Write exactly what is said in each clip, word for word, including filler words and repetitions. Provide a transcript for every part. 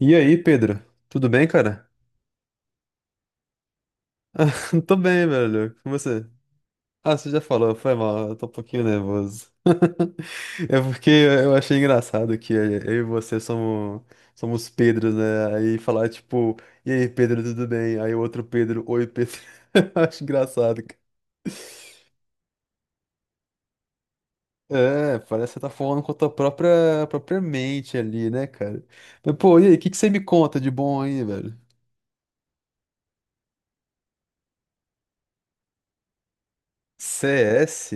E aí, Pedro? Tudo bem, cara? Tô bem, velho. Com você? Ah, você já falou, foi mal, eu tô um pouquinho nervoso. É porque eu achei engraçado que eu e você somos, somos Pedros, né? Aí falar tipo, e aí, Pedro, tudo bem? Aí o outro Pedro, oi, Pedro. Eu acho engraçado, cara. É, parece que você tá falando com a tua própria, própria mente ali, né, cara? Mas, pô, e aí, o que que você me conta de bom aí, velho? C S?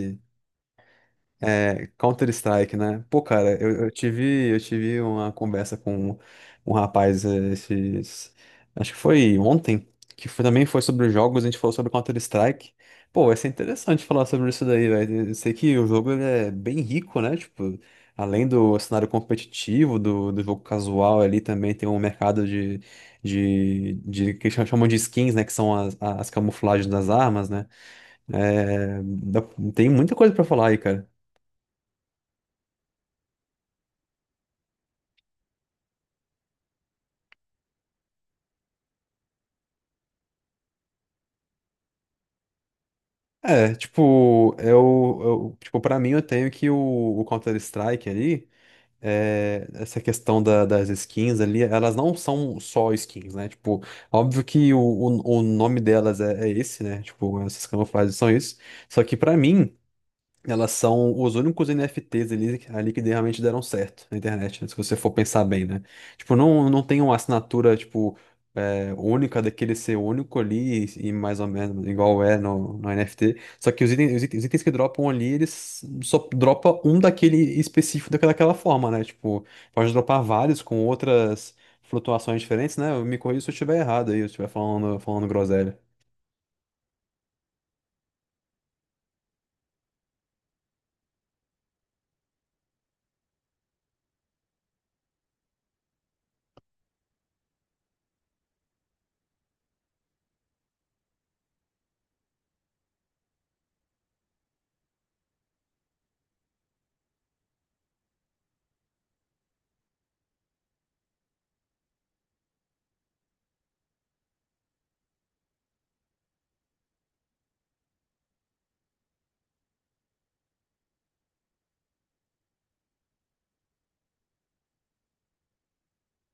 É, Counter-Strike, né? Pô, cara, eu, eu tive, eu tive uma conversa com um rapaz eh, esses, acho que foi ontem, que foi- também foi sobre jogos, a gente falou sobre Counter-Strike. Pô, vai ser interessante falar sobre isso daí, velho. Eu sei que o jogo ele é bem rico, né? Tipo, além do cenário competitivo, do, do jogo casual ali, também tem um mercado de, de, de que eles chamam de skins, né? Que são as, as camuflagens das armas, né? É, dá- Tem muita coisa pra falar aí, cara. É, tipo, eu, eu tipo, para mim eu tenho que o, o Counter-Strike ali, é, essa questão da- das skins ali, elas não são só skins, né? Tipo, óbvio que o, o, o nome delas é, é esse, né? Tipo, essas camuflagens são isso. Só que pra mim, elas são os únicos N F Ts ali, ali que realmente deram certo na internet, né? Se você for pensar bem, né? Tipo, não, não tem uma assinatura, tipo é, única daquele ser único ali e, e mais ou menos igual é no, no N F T. Só que os itens, os itens, os itens que dropam ali, eles só dropa um daquele específico daquela daquela forma, né? Tipo, pode dropar vários com outras flutuações diferentes, né? Eu me corrija se eu estiver errado aí, se eu estiver falando, falando groselha.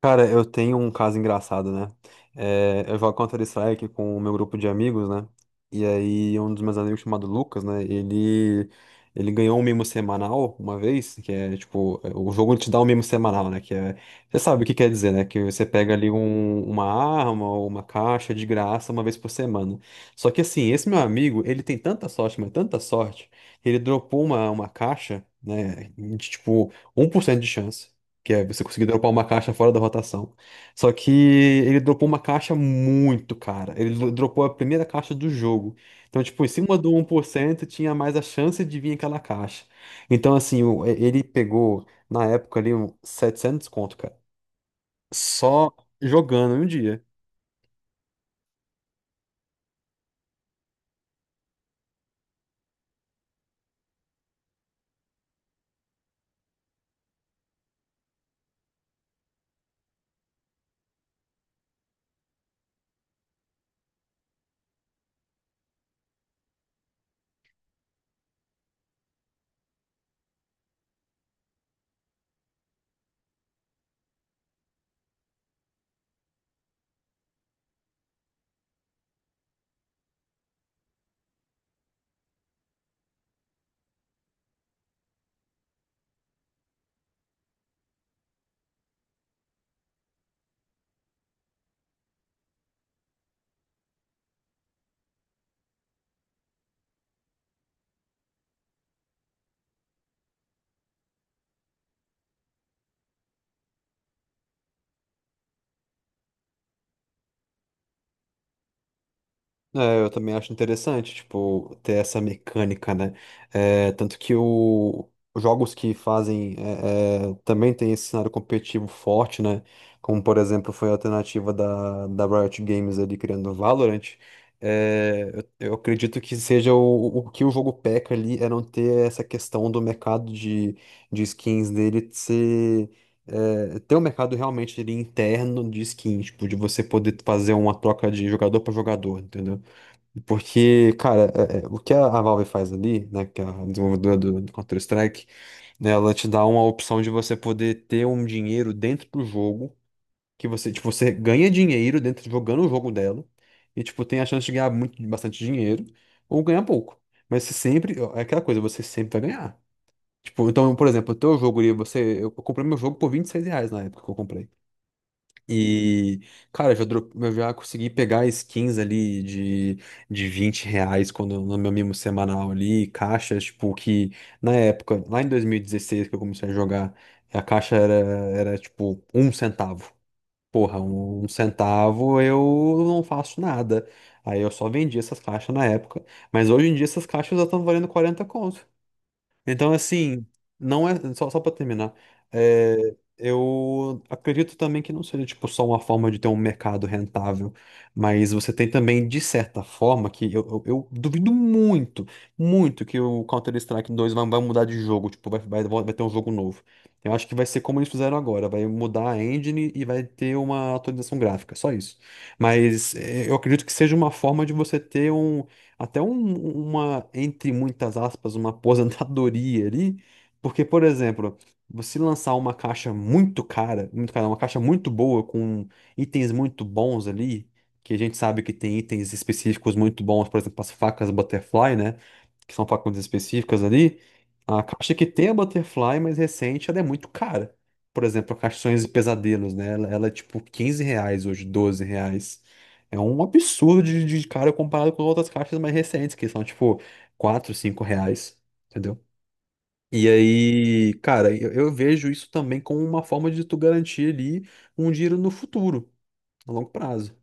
Cara, eu tenho um caso engraçado, né? É, eu jogo Counter-Strike com o meu grupo de amigos, né? E aí, um dos meus amigos chamado Lucas, né? Ele, ele ganhou um mimo semanal uma vez, que é tipo, é, o jogo te dá um mimo semanal, né? Que é, você sabe o que quer dizer, né? Que você pega ali um- uma arma ou uma caixa de graça uma vez por semana. Só que assim, esse meu amigo, ele tem tanta sorte, mas tanta sorte, ele dropou uma, uma caixa, né? De tipo, um por cento de chance que é você conseguir dropar uma caixa fora da rotação. Só que ele dropou uma caixa muito cara. Ele dro- dropou a primeira caixa do jogo. Então, tipo, em cima do um por cento tinha mais a chance de vir aquela caixa. Então, assim, o- e- ele pegou, na época ali, um setecentos conto, cara. Só jogando em um dia. É, eu também acho interessante, tipo, ter essa mecânica, né? É, tanto que o, os jogos que fazem é, é, também tem esse cenário competitivo forte, né? Como, por exemplo, foi a alternativa da, da Riot Games ali criando o Valorant. É, eu, eu acredito que seja o, o que o jogo peca ali é não ter essa questão do mercado de, de skins dele ser. É, ter um mercado realmente ali interno de skins, tipo, de você poder fazer uma troca de jogador para jogador, entendeu? Porque, cara, é- é, o que a a Valve faz ali, né, que é a desenvolvedora do, do Counter-Strike, né, ela te dá uma opção de você poder ter um dinheiro dentro do jogo, que você, tipo, você ganha dinheiro dentro jogando o jogo dela, e, tipo, tem a chance de ganhar muito, bastante dinheiro, ou ganhar pouco. Mas você sempre, é aquela coisa, você sempre vai ganhar. Tipo, então, por exemplo, o teu jogo ali, você, eu comprei meu jogo por vinte e seis reais na época que eu comprei. E, cara, eu já, dro- eu já consegui pegar skins ali de, de vinte reais quando, no meu mimo semanal ali, caixas, tipo, que na época, lá em dois mil e dezesseis que eu comecei a jogar, a caixa era, era tipo um centavo. Porra, um, um centavo eu não faço nada. Aí eu só vendi essas caixas na época, mas hoje em dia essas caixas já estão valendo quarenta conto. Então, assim, não é. Só, só para terminar, é, eu acredito também que não seja tipo, só uma forma de ter um mercado rentável, mas você tem também, de certa forma, que eu, eu, eu duvido muito, muito que o Counter-Strike dois vai, vai mudar de jogo, tipo, vai, vai, vai ter um jogo novo. Eu acho que vai ser como eles fizeram agora, vai mudar a engine e vai ter uma atualização gráfica, só isso. Mas é, eu acredito que seja uma forma de você ter um até um- uma, entre muitas aspas, uma aposentadoria ali, porque, por exemplo, você lançar uma caixa muito cara, muito cara, uma caixa muito boa, com itens muito bons ali, que a gente sabe que tem itens específicos muito bons, por exemplo, as facas Butterfly, né? Que são facas específicas ali. A caixa que tem a Butterfly mais recente, ela é muito cara. Por exemplo, a caixa Sonhos e Pesadelos, né? Ela, ela é tipo quinze reais hoje, doze reais. É um absurdo de, de cara comparado com outras caixas mais recentes, que são tipo quatro, cinco reais, entendeu? E aí, cara, eu, eu vejo isso também como uma forma de tu garantir ali um dinheiro no futuro, a longo prazo.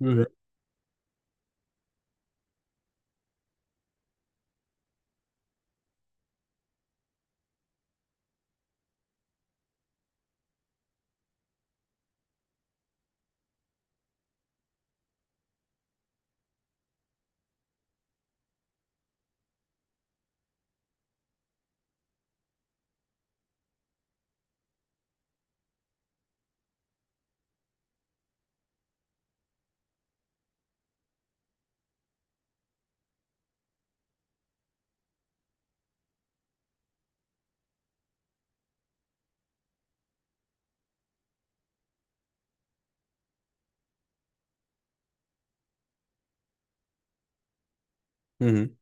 Uhum. Uhum.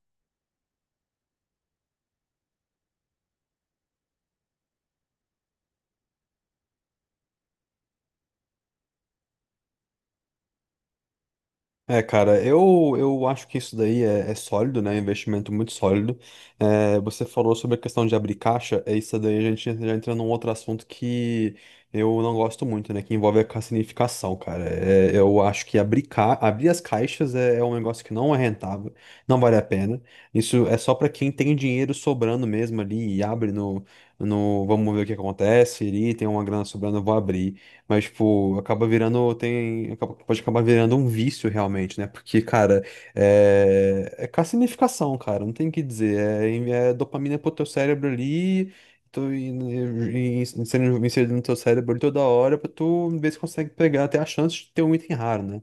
É, cara, eu, eu acho que isso daí é, é sólido, né? É um investimento muito sólido. É, você falou sobre a questão de abrir caixa, é isso daí a gente já entra num outro assunto que eu não gosto muito, né? Que envolve a cassinificação, cara. É, eu acho que abrir, ca... abrir as caixas é, é um negócio que não é rentável, não vale a pena. Isso é só para quem tem dinheiro sobrando mesmo ali e abre no, no... vamos ver o que acontece ali, tem uma grana sobrando, eu vou abrir. Mas, tipo, acaba virando, tem, acaba- pode acabar virando um vício realmente, né? Porque, cara, é, é carcinificação, cara, não tem o que dizer. É, em- é dopamina pro teu cérebro ali, tô in- in- in- sendo no teu cérebro ali toda hora pra tu ver se consegue pegar até a chance de ter um item raro, né?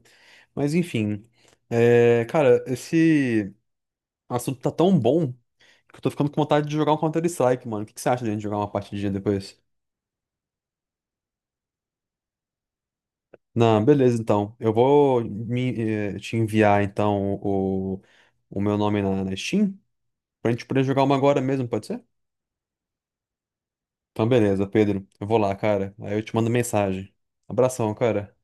Mas, enfim, é, cara, esse assunto tá tão bom que eu tô ficando com vontade de jogar um Counter-Strike, mano. O que que você acha de a gente jogar uma partidinha depois? Não, beleza, então. Eu vou me, eh, te enviar, então, o, o meu nome na, na Steam, pra gente poder jogar uma agora mesmo, pode ser? Então, beleza, Pedro. Eu vou lá, cara. Aí eu te mando mensagem. Abração, cara.